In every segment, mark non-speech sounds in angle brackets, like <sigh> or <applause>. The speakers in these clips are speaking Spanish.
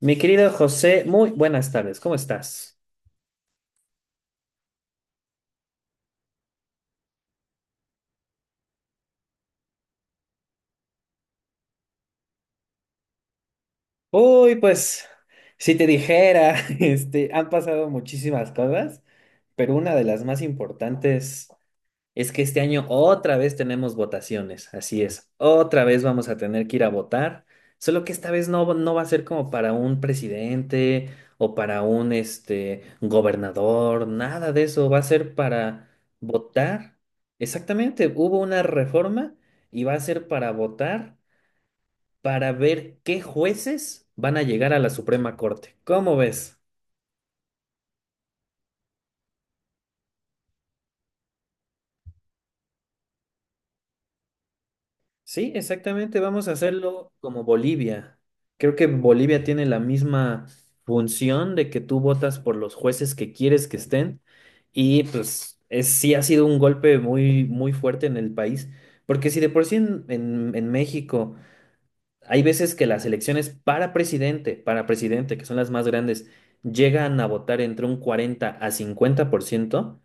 Mi querido José, muy buenas tardes, ¿cómo estás? Uy, pues, si te dijera, <laughs> han pasado muchísimas cosas, pero una de las más importantes es que este año otra vez tenemos votaciones, así es, otra vez vamos a tener que ir a votar, solo que esta vez no, no va a ser como para un presidente o para un, gobernador, nada de eso, va a ser para votar. Exactamente, hubo una reforma y va a ser para votar para ver qué jueces van a llegar a la Suprema Corte. ¿Cómo ves? Sí, exactamente, vamos a hacerlo como Bolivia. Creo que Bolivia tiene la misma función de que tú votas por los jueces que quieres que estén y pues sí ha sido un golpe muy, muy fuerte en el país, porque si de por sí en México hay veces que las elecciones para presidente, que son las más grandes, llegan a votar entre un 40-50%.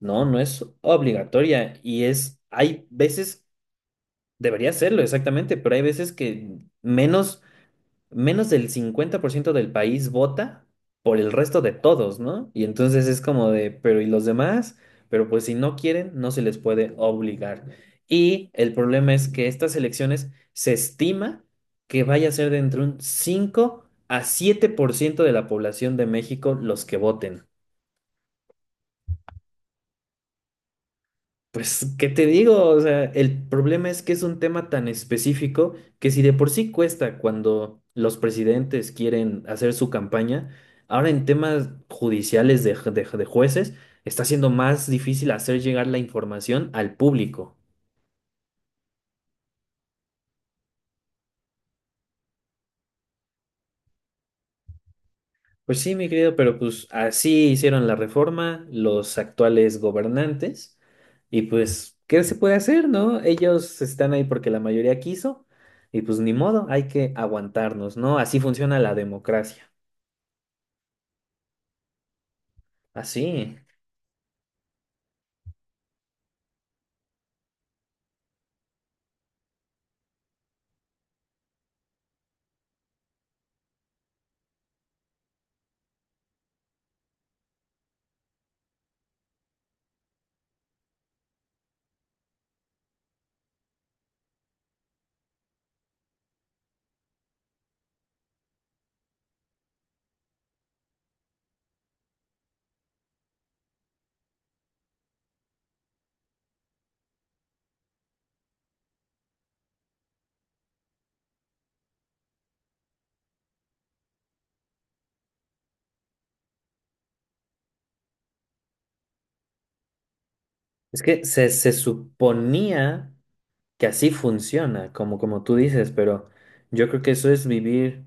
No, no es obligatoria hay veces, debería serlo exactamente, pero hay veces que menos, menos del 50% del país vota por el resto de todos, ¿no? Y entonces es como de, pero ¿y los demás? Pero pues si no quieren, no se les puede obligar. Y el problema es que estas elecciones se estima que vaya a ser de entre un 5-7% de la población de México los que voten. Pues, ¿qué te digo? O sea, el problema es que es un tema tan específico que si de por sí cuesta cuando los presidentes quieren hacer su campaña, ahora en temas judiciales de jueces está siendo más difícil hacer llegar la información al público. Pues sí, mi querido, pero pues así hicieron la reforma los actuales gobernantes y pues, ¿qué se puede hacer, no? Ellos están ahí porque la mayoría quiso y pues ni modo, hay que aguantarnos, ¿no? Así funciona la democracia, así. Es que se suponía que así funciona, como tú dices, pero yo creo que eso es vivir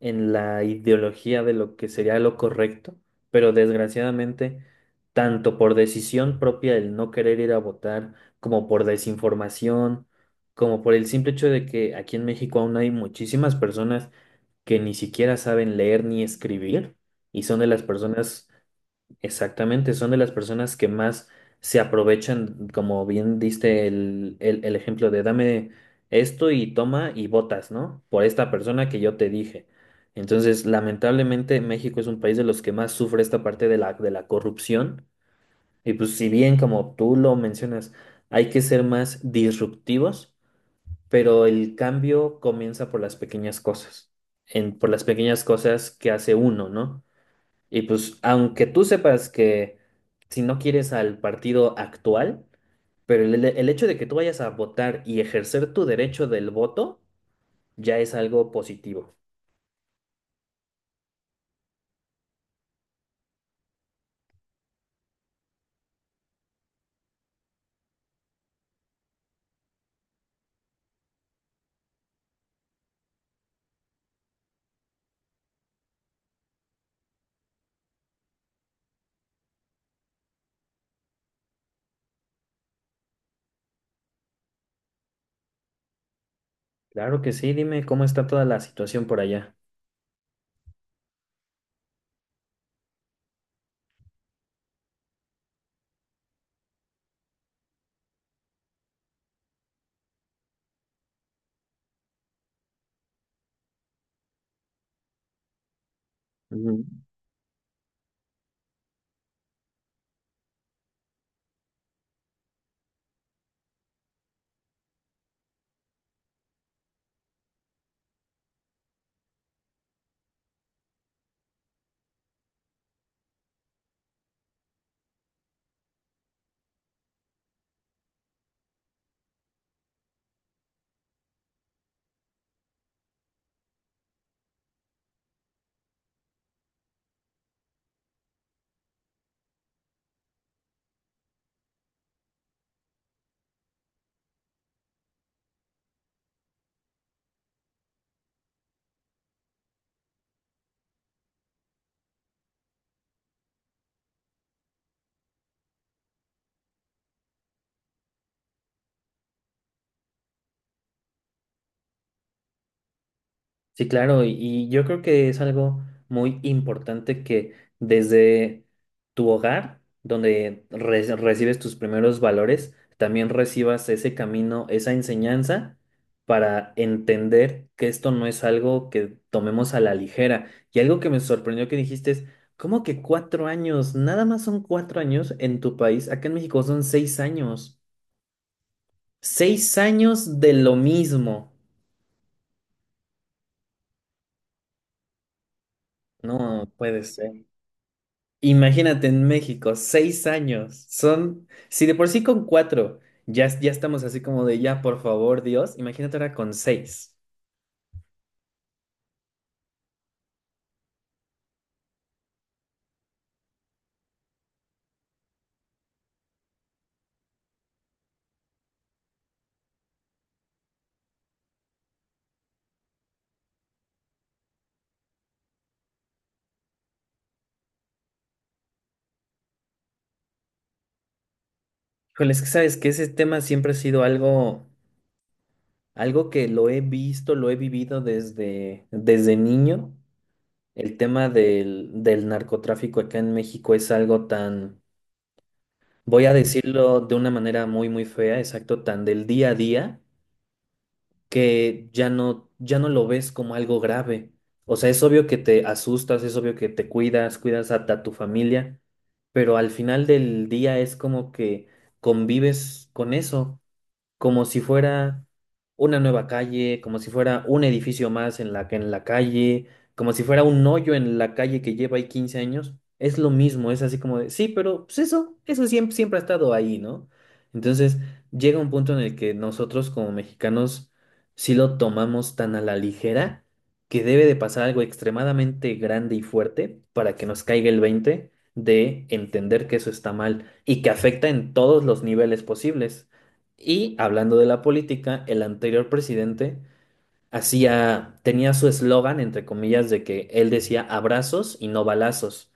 en la ideología de lo que sería lo correcto, pero desgraciadamente, tanto por decisión propia el no querer ir a votar, como por desinformación, como por el simple hecho de que aquí en México aún hay muchísimas personas que ni siquiera saben leer ni escribir, y son de las personas. Exactamente, son de las personas que más se aprovechan, como bien diste el ejemplo de dame esto y toma y votas, ¿no? Por esta persona que yo te dije. Entonces, lamentablemente, México es un país de los que más sufre esta parte de la corrupción. Y pues si bien, como tú lo mencionas, hay que ser más disruptivos, pero el cambio comienza por las pequeñas cosas, por las pequeñas cosas que hace uno, ¿no? Y pues, aunque tú sepas que si no quieres al partido actual, pero el hecho de que tú vayas a votar y ejercer tu derecho del voto ya es algo positivo. Claro que sí, dime cómo está toda la situación por allá. Ujú. Sí, claro, y yo creo que es algo muy importante que desde tu hogar, donde recibes tus primeros valores, también recibas ese camino, esa enseñanza para entender que esto no es algo que tomemos a la ligera. Y algo que me sorprendió que dijiste es, ¿cómo que 4 años? Nada más son 4 años en tu país. Acá en México son 6 años. 6 años de lo mismo. No puede ser. Imagínate en México, 6 años. Si de por sí con cuatro ya, ya estamos así como de ya, por favor, Dios, imagínate ahora con seis. Híjole, es que sabes que ese tema siempre ha sido algo que lo he visto, lo he vivido desde niño. El tema del narcotráfico acá en México es algo tan, voy a decirlo de una manera muy, muy fea, exacto, tan del día a día que ya no lo ves como algo grave. O sea, es obvio que te asustas, es obvio que te cuidas, cuidas a tu familia, pero al final del día es como que convives con eso como si fuera una nueva calle, como si fuera un edificio más en la, calle, como si fuera un hoyo en la calle que lleva ahí 15 años. Es lo mismo, es así como de, sí, pero pues eso siempre, siempre ha estado ahí, ¿no? Entonces llega un punto en el que nosotros como mexicanos sí lo tomamos tan a la ligera que debe de pasar algo extremadamente grande y fuerte para que nos caiga el 20 de entender que eso está mal y que afecta en todos los niveles posibles. Y hablando de la política, el anterior presidente tenía su eslogan, entre comillas, de que él decía abrazos y no balazos.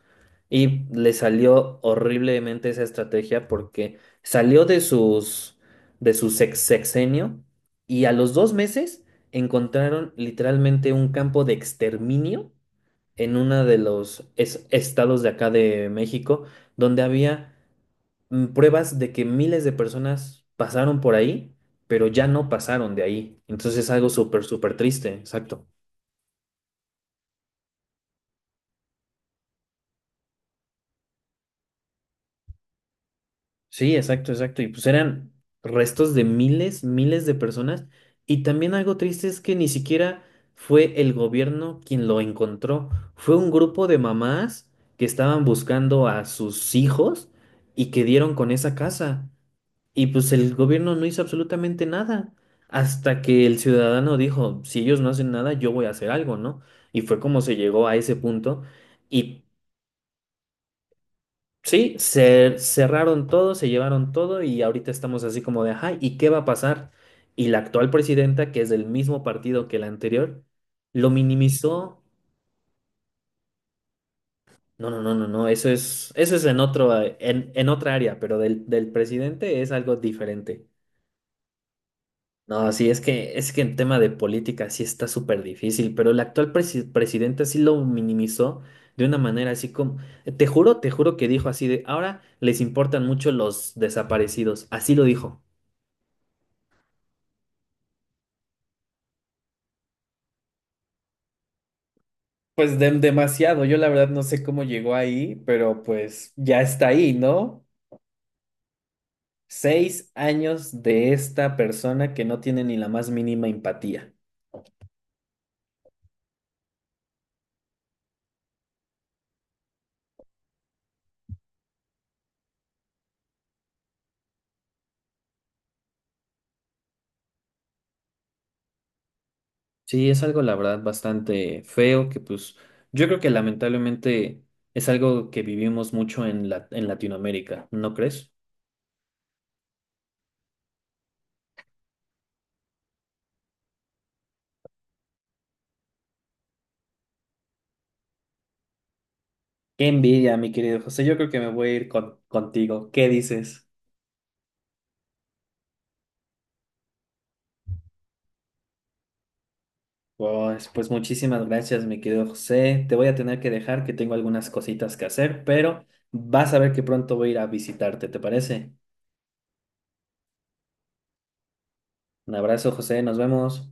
Y le salió horriblemente esa estrategia porque salió de sus, de su sexenio y a los 2 meses encontraron literalmente un campo de exterminio en uno de los estados de acá de México, donde había pruebas de que miles de personas pasaron por ahí, pero ya no pasaron de ahí. Entonces es algo súper, súper triste, exacto. Sí, exacto, exacto. Y pues eran restos de miles, miles de personas. Y también algo triste es que ni siquiera fue el gobierno quien lo encontró. Fue un grupo de mamás que estaban buscando a sus hijos y que dieron con esa casa. Y pues el gobierno no hizo absolutamente nada hasta que el ciudadano dijo, si ellos no hacen nada, yo voy a hacer algo, ¿no? Y fue como se llegó a ese punto. Y sí, se cerraron todo, se llevaron todo y ahorita estamos así como de, ajá, ¿y qué va a pasar? Y la actual presidenta, que es del mismo partido que la anterior, lo minimizó. No, no, no, no, no, eso es en otro, en otra área, pero del presidente es algo diferente. No, sí, es que en tema de política sí está súper difícil, pero el actual presidente sí lo minimizó de una manera así como, te juro que dijo así de, ahora les importan mucho los desaparecidos, así lo dijo. Pues demasiado, yo la verdad no sé cómo llegó ahí, pero pues ya está ahí, ¿no? 6 años de esta persona que no tiene ni la más mínima empatía. Sí, es algo, la verdad, bastante feo, que pues yo creo que lamentablemente es algo que vivimos mucho en Latinoamérica, ¿no crees? Qué envidia, mi querido José. Yo creo que me voy a ir contigo. ¿Qué dices? Pues, muchísimas gracias, mi querido José. Te voy a tener que dejar, que tengo algunas cositas que hacer, pero vas a ver que pronto voy a ir a visitarte, ¿te parece? Un abrazo, José. Nos vemos.